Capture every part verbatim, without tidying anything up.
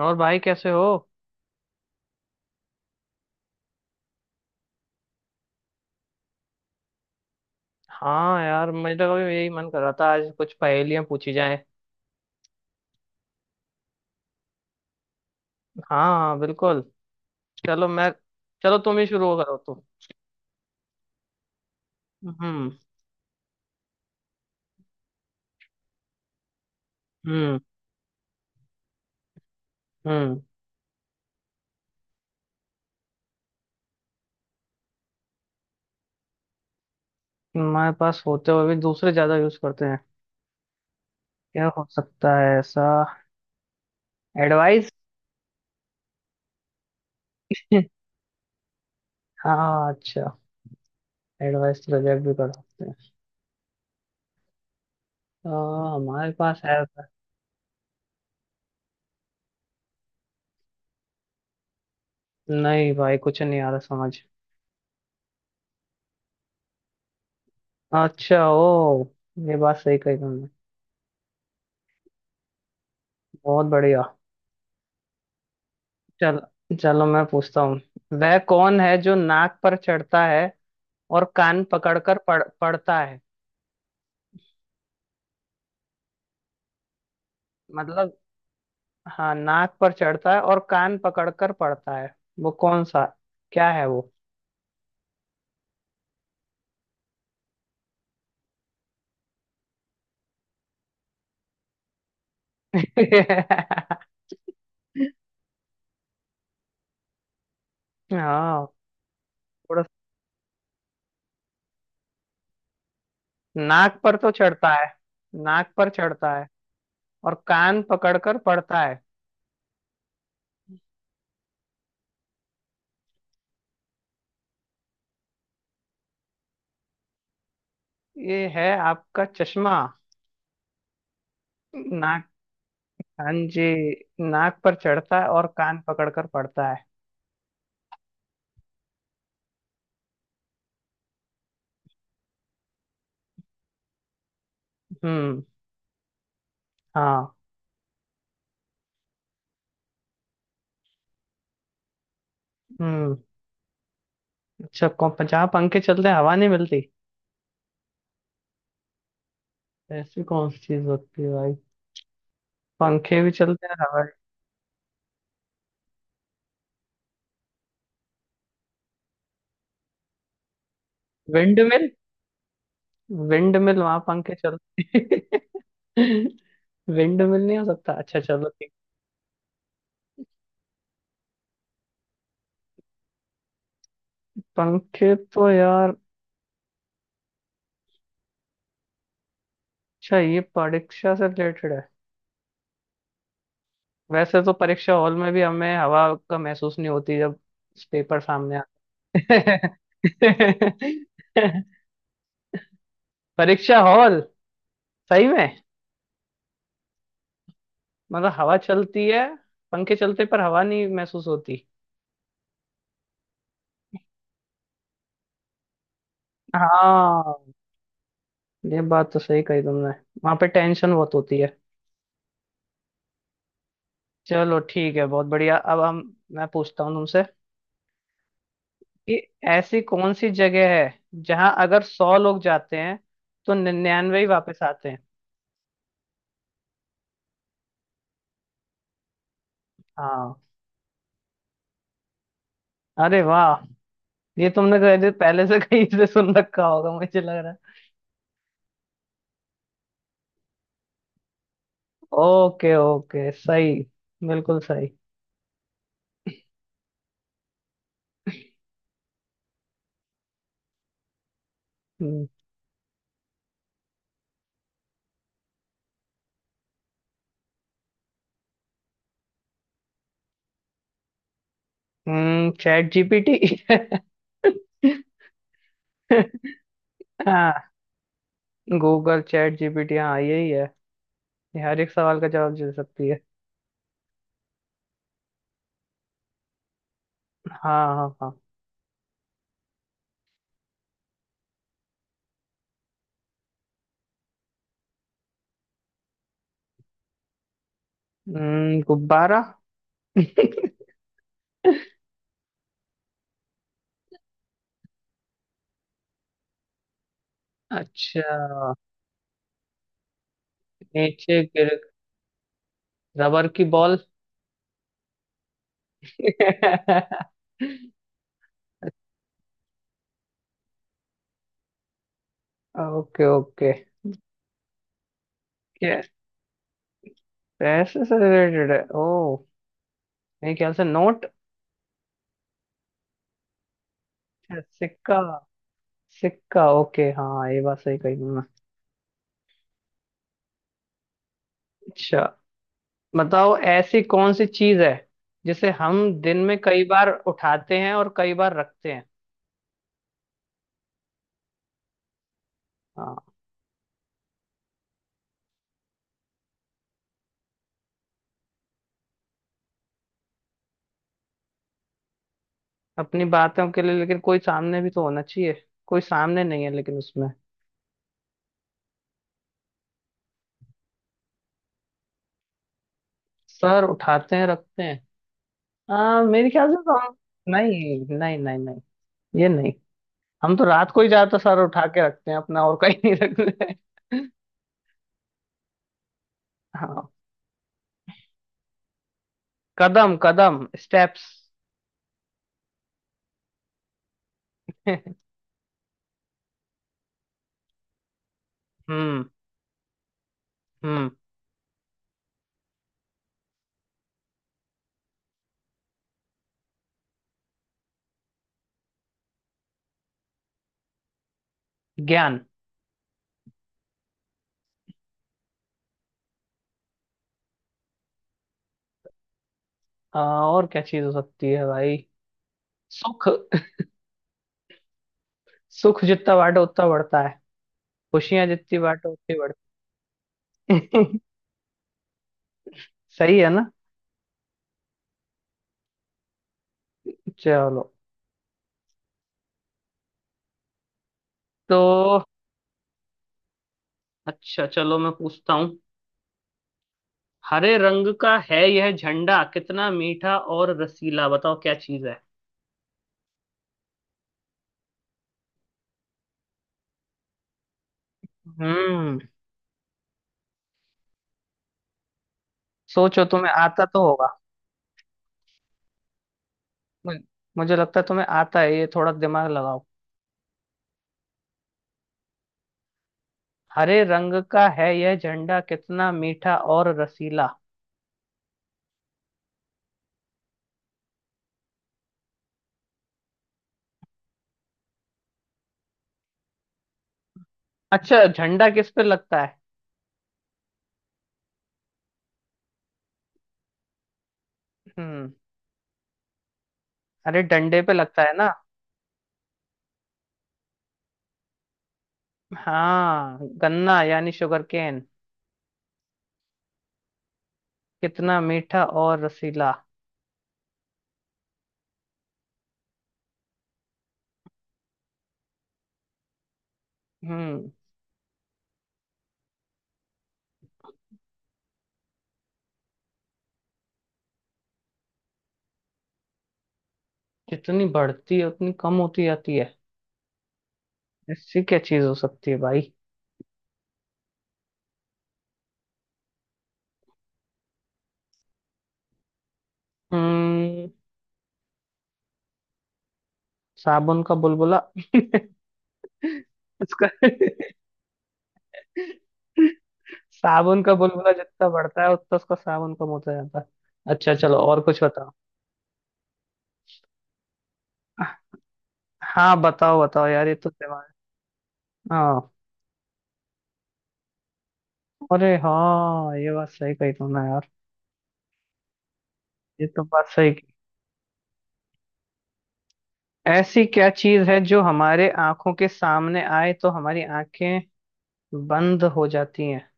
और भाई कैसे हो। हाँ यार, मेरा भी यही मन कर रहा था, आज कुछ पहेलियां पूछी जाएं। हाँ हाँ, बिल्कुल। चलो मैं, चलो तुम ही शुरू करो तुम। हम्म। हम्म। हम्म। हमारे पास होते हुए भी दूसरे ज्यादा यूज करते हैं? क्या हो सकता है ऐसा? एडवाइस। हाँ अच्छा, एडवाइस तो रिजेक्ट भी कर सकते हैं। आ, हमारे पास है ऐसा? नहीं भाई, कुछ नहीं आ रहा समझ। अच्छा ओ, ये बात सही कही तुमने। बहुत बढ़िया। चल, चलो मैं पूछता हूँ। वह कौन है जो नाक पर चढ़ता है और कान पकड़कर पढ़ पढ़ता है? मतलब, हाँ नाक पर चढ़ता है और कान पकड़कर पढ़ता है। वो कौन सा, क्या है वो? हाँ, थोड़ा। नाक पर तो चढ़ता है। नाक पर चढ़ता है और कान पकड़कर पढ़ता है। ये है आपका चश्मा। नाक। हाँ जी, नाक पर चढ़ता है और कान पकड़कर पढ़ता है। हम्म। हाँ। हम्म, अच्छा, कौन जहाँ पंखे चलते हैं हवा नहीं मिलती? ऐसी कौन सी चीज होती है भाई? पंखे भी चलते हैं हवा। Windmill. विंड मिल वहां पंखे चलते हैं। विंड मिल नहीं हो सकता? अच्छा चलो, ठीक। पंखे तो यार। अच्छा, ये परीक्षा से रिलेटेड है। वैसे तो परीक्षा हॉल में भी हमें हवा का महसूस नहीं होती, जब पेपर सामने आते हैं। परीक्षा हॉल, सही में। मतलब हवा चलती है, पंखे चलते पर हवा नहीं महसूस होती। हाँ, ये बात तो सही कही तुमने। वहां पे टेंशन बहुत होती है। चलो ठीक है, बहुत बढ़िया। अब हम, मैं पूछता हूँ तुमसे, कि ऐसी कौन सी जगह है जहां अगर सौ लोग जाते हैं तो निन्यानवे ही वापस आते हैं? हाँ। अरे वाह, ये तुमने कहे थे पहले से, कहीं से सुन रखा होगा, मुझे लग रहा है। ओके ओके, सही, बिल्कुल सही। हम्म। हम्म, चैट जीपीटी। हाँ, गूगल चैट जीपीटी, हाँ यही है, ये हर एक सवाल का जवाब दे सकती है। हाँ हाँ हाँ। हम्म, गुब्बारा। अच्छा। नीचे गिर, रबर की बॉल। Okay okay. क्या, पैसे से रिलेटेड है ओ? मेरे ख्याल से नोट। सिक्का। सिक्का, ओके, हाँ ये बात सही कही तुमने। अच्छा, बताओ ऐसी कौन सी चीज है जिसे हम दिन में कई बार उठाते हैं और कई बार रखते हैं? हाँ। अपनी बातों के लिए, लेकिन कोई सामने भी तो होना चाहिए। कोई सामने नहीं है लेकिन उसमें। सर उठाते हैं रखते हैं, हाँ मेरे ख्याल से तो हम। नहीं नहीं नहीं नहीं ये नहीं। हम तो रात को ही ज्यादातर सर उठा के रखते हैं अपना, और कहीं नहीं रखते हैं। हाँ। कदम कदम, स्टेप्स। हम्म। हम्म, ज्ञान। आ, और क्या चीज हो सकती है भाई? सुख। सुख जितना बांटो उतना बढ़ता है। खुशियां जितनी बांटो उतनी बढ़ती। हैं। सही है ना? चलो, तो, अच्छा चलो, मैं पूछता हूँ। हरे रंग का है यह झंडा, कितना मीठा और रसीला, बताओ क्या चीज है? हम्म। सोचो, तुम्हें आता तो होगा। मु- मुझे लगता है तुम्हें आता है, ये थोड़ा दिमाग लगाओ। हरे रंग का है यह झंडा, कितना मीठा और रसीला। अच्छा, झंडा किस पे लगता है? हम्म, अरे डंडे पे लगता है ना। हाँ, गन्ना, यानी शुगर केन। कितना मीठा और रसीला। हम्म, जितनी बढ़ती है उतनी कम होती जाती है। ऐसी क्या चीज हो सकती है भाई? हम्म, साबुन का बुलबुला। उसका साबुन का बुलबुला जितना बढ़ता है उतना उसका साबुन कम होता जाता है। अच्छा चलो, और कुछ बताओ। हाँ बताओ बताओ यार, ये तो दिमाग। हाँ, अरे हाँ, ये बात सही कही तुमने यार। ये तो बात सही की। ऐसी क्या चीज है जो हमारे आंखों के सामने आए तो हमारी आंखें बंद हो जाती हैं?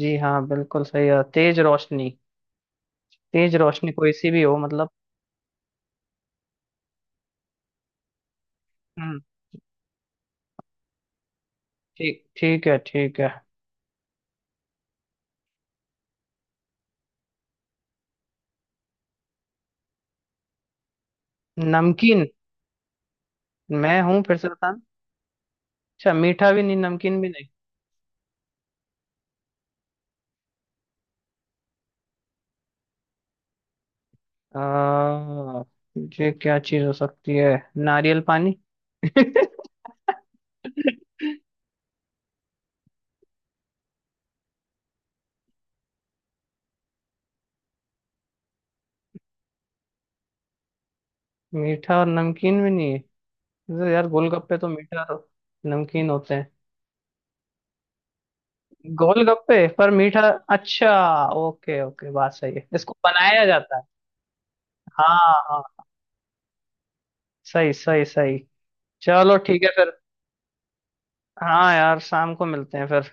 जी हाँ, बिल्कुल सही है, तेज रोशनी। तेज रोशनी कोई सी भी हो, मतलब। हम्म। ठीक, ठीक है, ठीक है। नमकीन। मैं हूँ, फिर से बताना। अच्छा, मीठा भी नहीं नमकीन भी नहीं। आ, ये क्या चीज हो सकती है? नारियल पानी। मीठा और नमकीन भी नहीं है तो यार, गोलगप्पे तो मीठा और नमकीन होते हैं। गोलगप्पे, पर मीठा। अच्छा, ओके ओके, बात सही है, इसको बनाया जाता है। हाँ। हाँ, सही सही सही। चलो ठीक है फिर। हाँ यार, शाम को मिलते हैं फिर।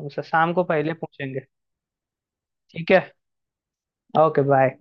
हमसे शाम को पहले पूछेंगे। ठीक है। Okay bye.